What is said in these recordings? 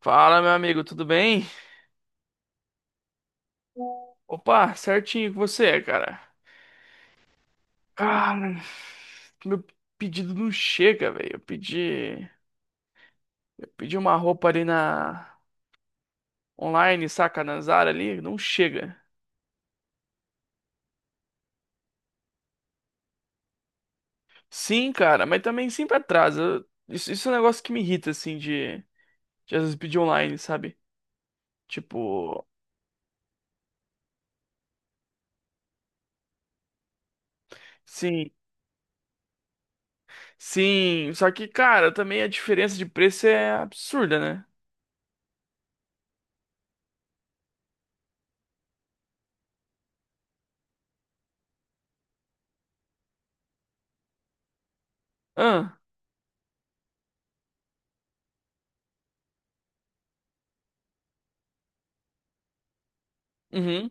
Fala, meu amigo, tudo bem? Opa, certinho com você, cara. Cara, meu pedido não chega, velho. Eu pedi uma roupa ali na online, saca, na Zara ali, não chega. Sim, cara, mas também sempre atrasa. Isso é um negócio que me irrita, assim, de às vezes pedir online, sabe? Tipo, sim, sim. Só que, cara, também a diferença de preço é absurda, né? Ah, uhum,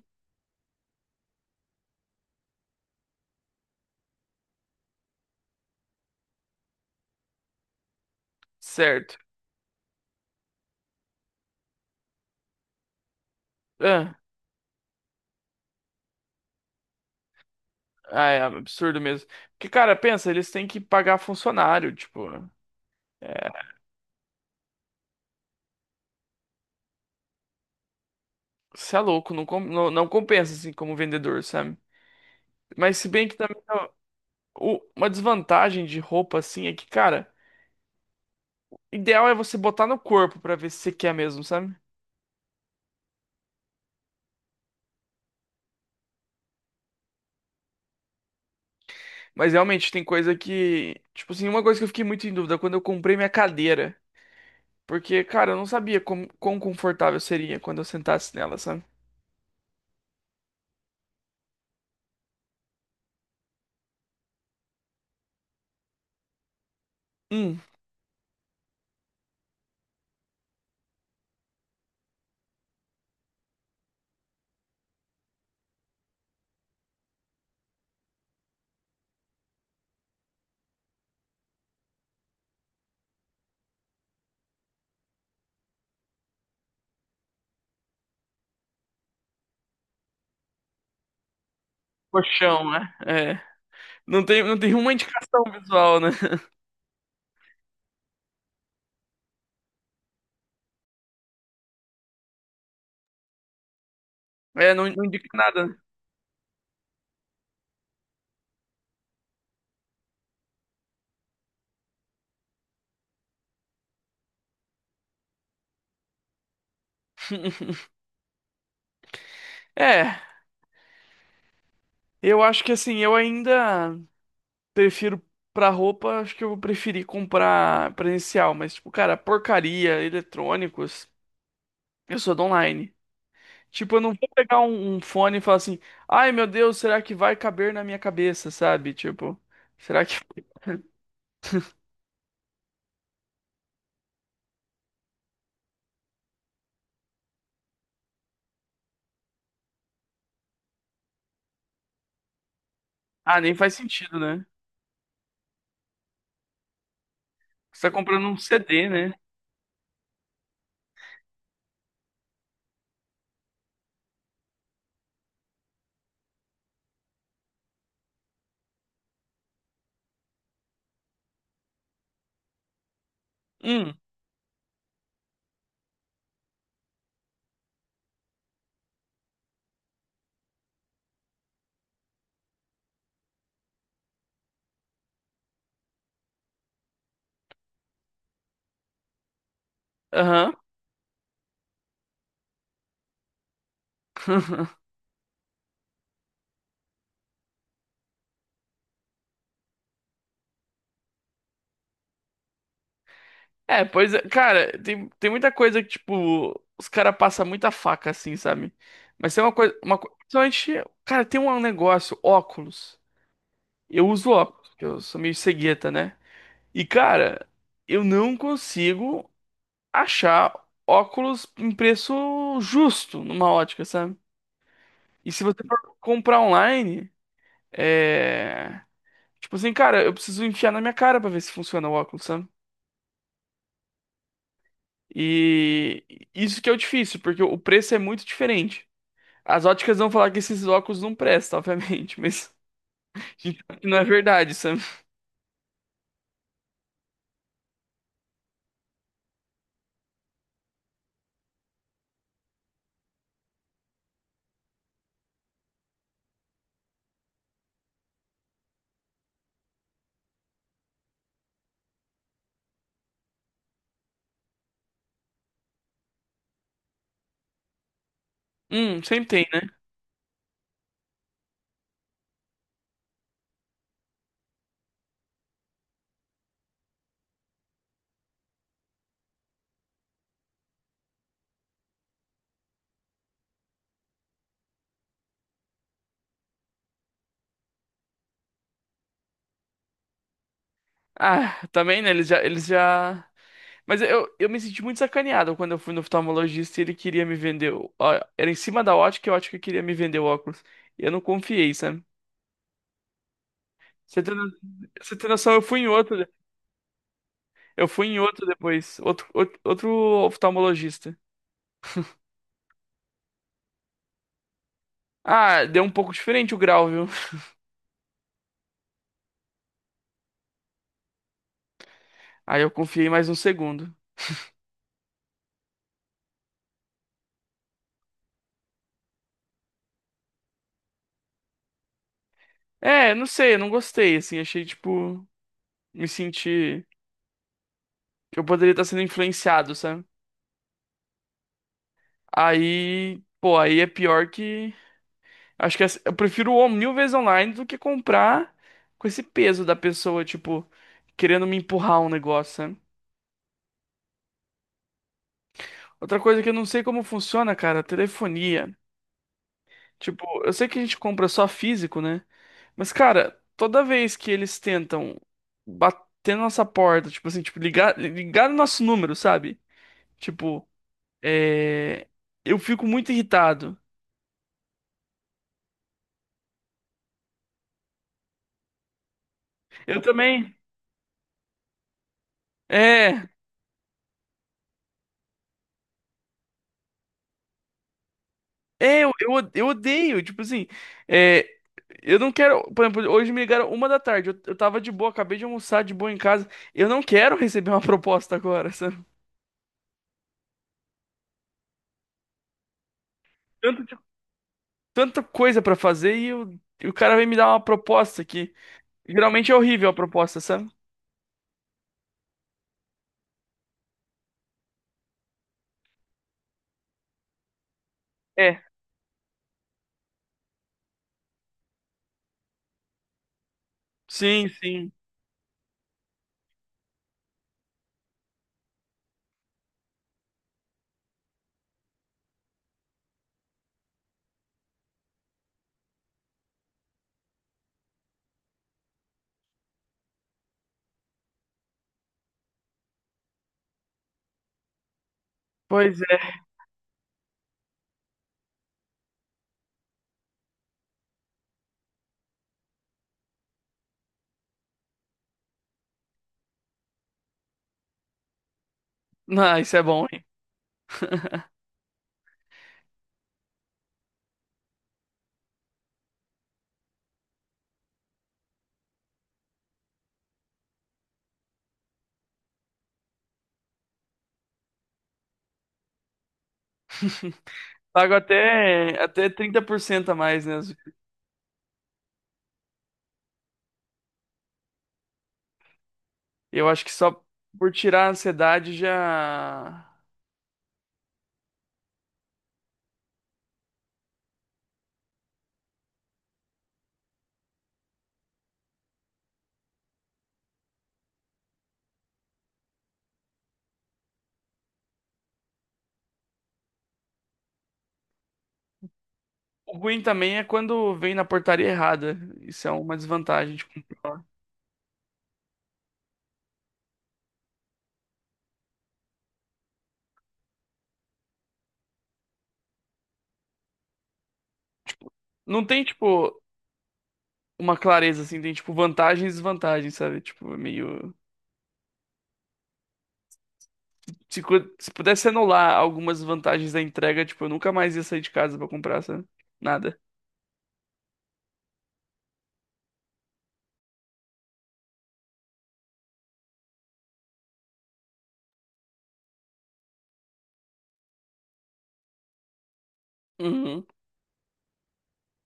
certo. Ah, é absurdo mesmo. Porque, cara, pensa, eles têm que pagar funcionário, tipo, você é louco, não, não, não compensa, assim, como vendedor, sabe? Mas se bem que também ó, uma desvantagem de roupa, assim, é que, cara, ideal é você botar no corpo pra ver se você quer mesmo, sabe? Mas realmente tem coisa que, tipo assim, uma coisa que eu fiquei muito em dúvida quando eu comprei minha cadeira, porque, cara, eu não sabia como, quão confortável seria quando eu sentasse nela, sabe? Hum, colchão, né? É. Não tem uma indicação visual, né? É, não indica nada, né? É, eu acho que assim, eu ainda prefiro pra roupa, acho que eu vou preferir comprar presencial, mas tipo, cara, porcaria, eletrônicos, eu sou do online. Tipo, eu não vou pegar um fone e falar assim, ai meu Deus, será que vai caber na minha cabeça, sabe? Tipo, será que. Ah, nem faz sentido, né? Você tá comprando um CD, né? Hum, aham. É, pois é, cara, tem, tem muita coisa que, tipo, os caras passam muita faca, assim, sabe? Mas tem uma coisa, principalmente, cara, tem um negócio, óculos. Eu uso óculos, porque eu sou meio cegueta, né? E, cara, eu não consigo achar óculos em preço justo numa ótica, sabe? E se você for comprar online, é... tipo assim, cara, eu preciso enfiar na minha cara pra ver se funciona o óculos, sabe? E isso que é o difícil, porque o preço é muito diferente. As óticas vão falar que esses óculos não prestam, obviamente, mas a gente sabe que não é verdade, sabe? Sempre tem, né? Ah, também, né? Eles já... Mas eu me senti muito sacaneado quando eu fui no oftalmologista e ele queria me vender... ó, era em cima da ótica e a ótica queria me vender o óculos. E eu não confiei, sabe? Você tem, no- Você tem noção, eu fui em outro... Eu fui em outro depois. Outro oftalmologista. Ah, deu um pouco diferente o grau, viu? Aí eu confiei mais um segundo. É, não sei, eu não gostei, assim, achei tipo. Me sentir que eu poderia estar sendo influenciado, sabe? Aí, pô, aí é pior que. Eu prefiro o mil vezes online do que comprar com esse peso da pessoa, tipo, querendo me empurrar um negócio, sabe? Outra coisa que eu não sei como funciona, cara, é telefonia. Tipo, eu sei que a gente compra só físico, né? Mas, cara, toda vez que eles tentam bater na nossa porta, tipo assim, tipo, ligar no nosso número, sabe? Tipo, é... eu fico muito irritado. Eu também. É. É, eu odeio. Tipo assim, é, eu não quero. Por exemplo, hoje me ligaram uma da tarde. Eu tava de boa, acabei de almoçar de boa em casa. Eu não quero receber uma proposta agora, sabe? Tanto, de- Tanta coisa pra fazer e, e o cara vem me dar uma proposta aqui. Geralmente é horrível a proposta, sabe? É. Sim, sim. Pois é. Não, isso é bom, hein? Pago até 30% a mais, né? Eu acho que só por tirar a ansiedade já. O ruim também é quando vem na portaria errada. Isso é uma desvantagem, tipo, não tem tipo uma clareza assim, tem tipo vantagens e desvantagens, sabe? Tipo, é meio se pudesse anular algumas vantagens da entrega, tipo, eu nunca mais ia sair de casa pra comprar, sabe? Nada. Uhum.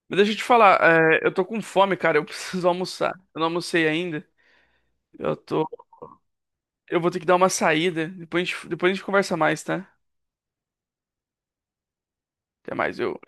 Mas deixa eu te falar, é, eu tô com fome, cara, eu preciso almoçar. Eu não almocei ainda. Eu tô, eu vou ter que dar uma saída. Depois a gente conversa mais, tá? Até mais, eu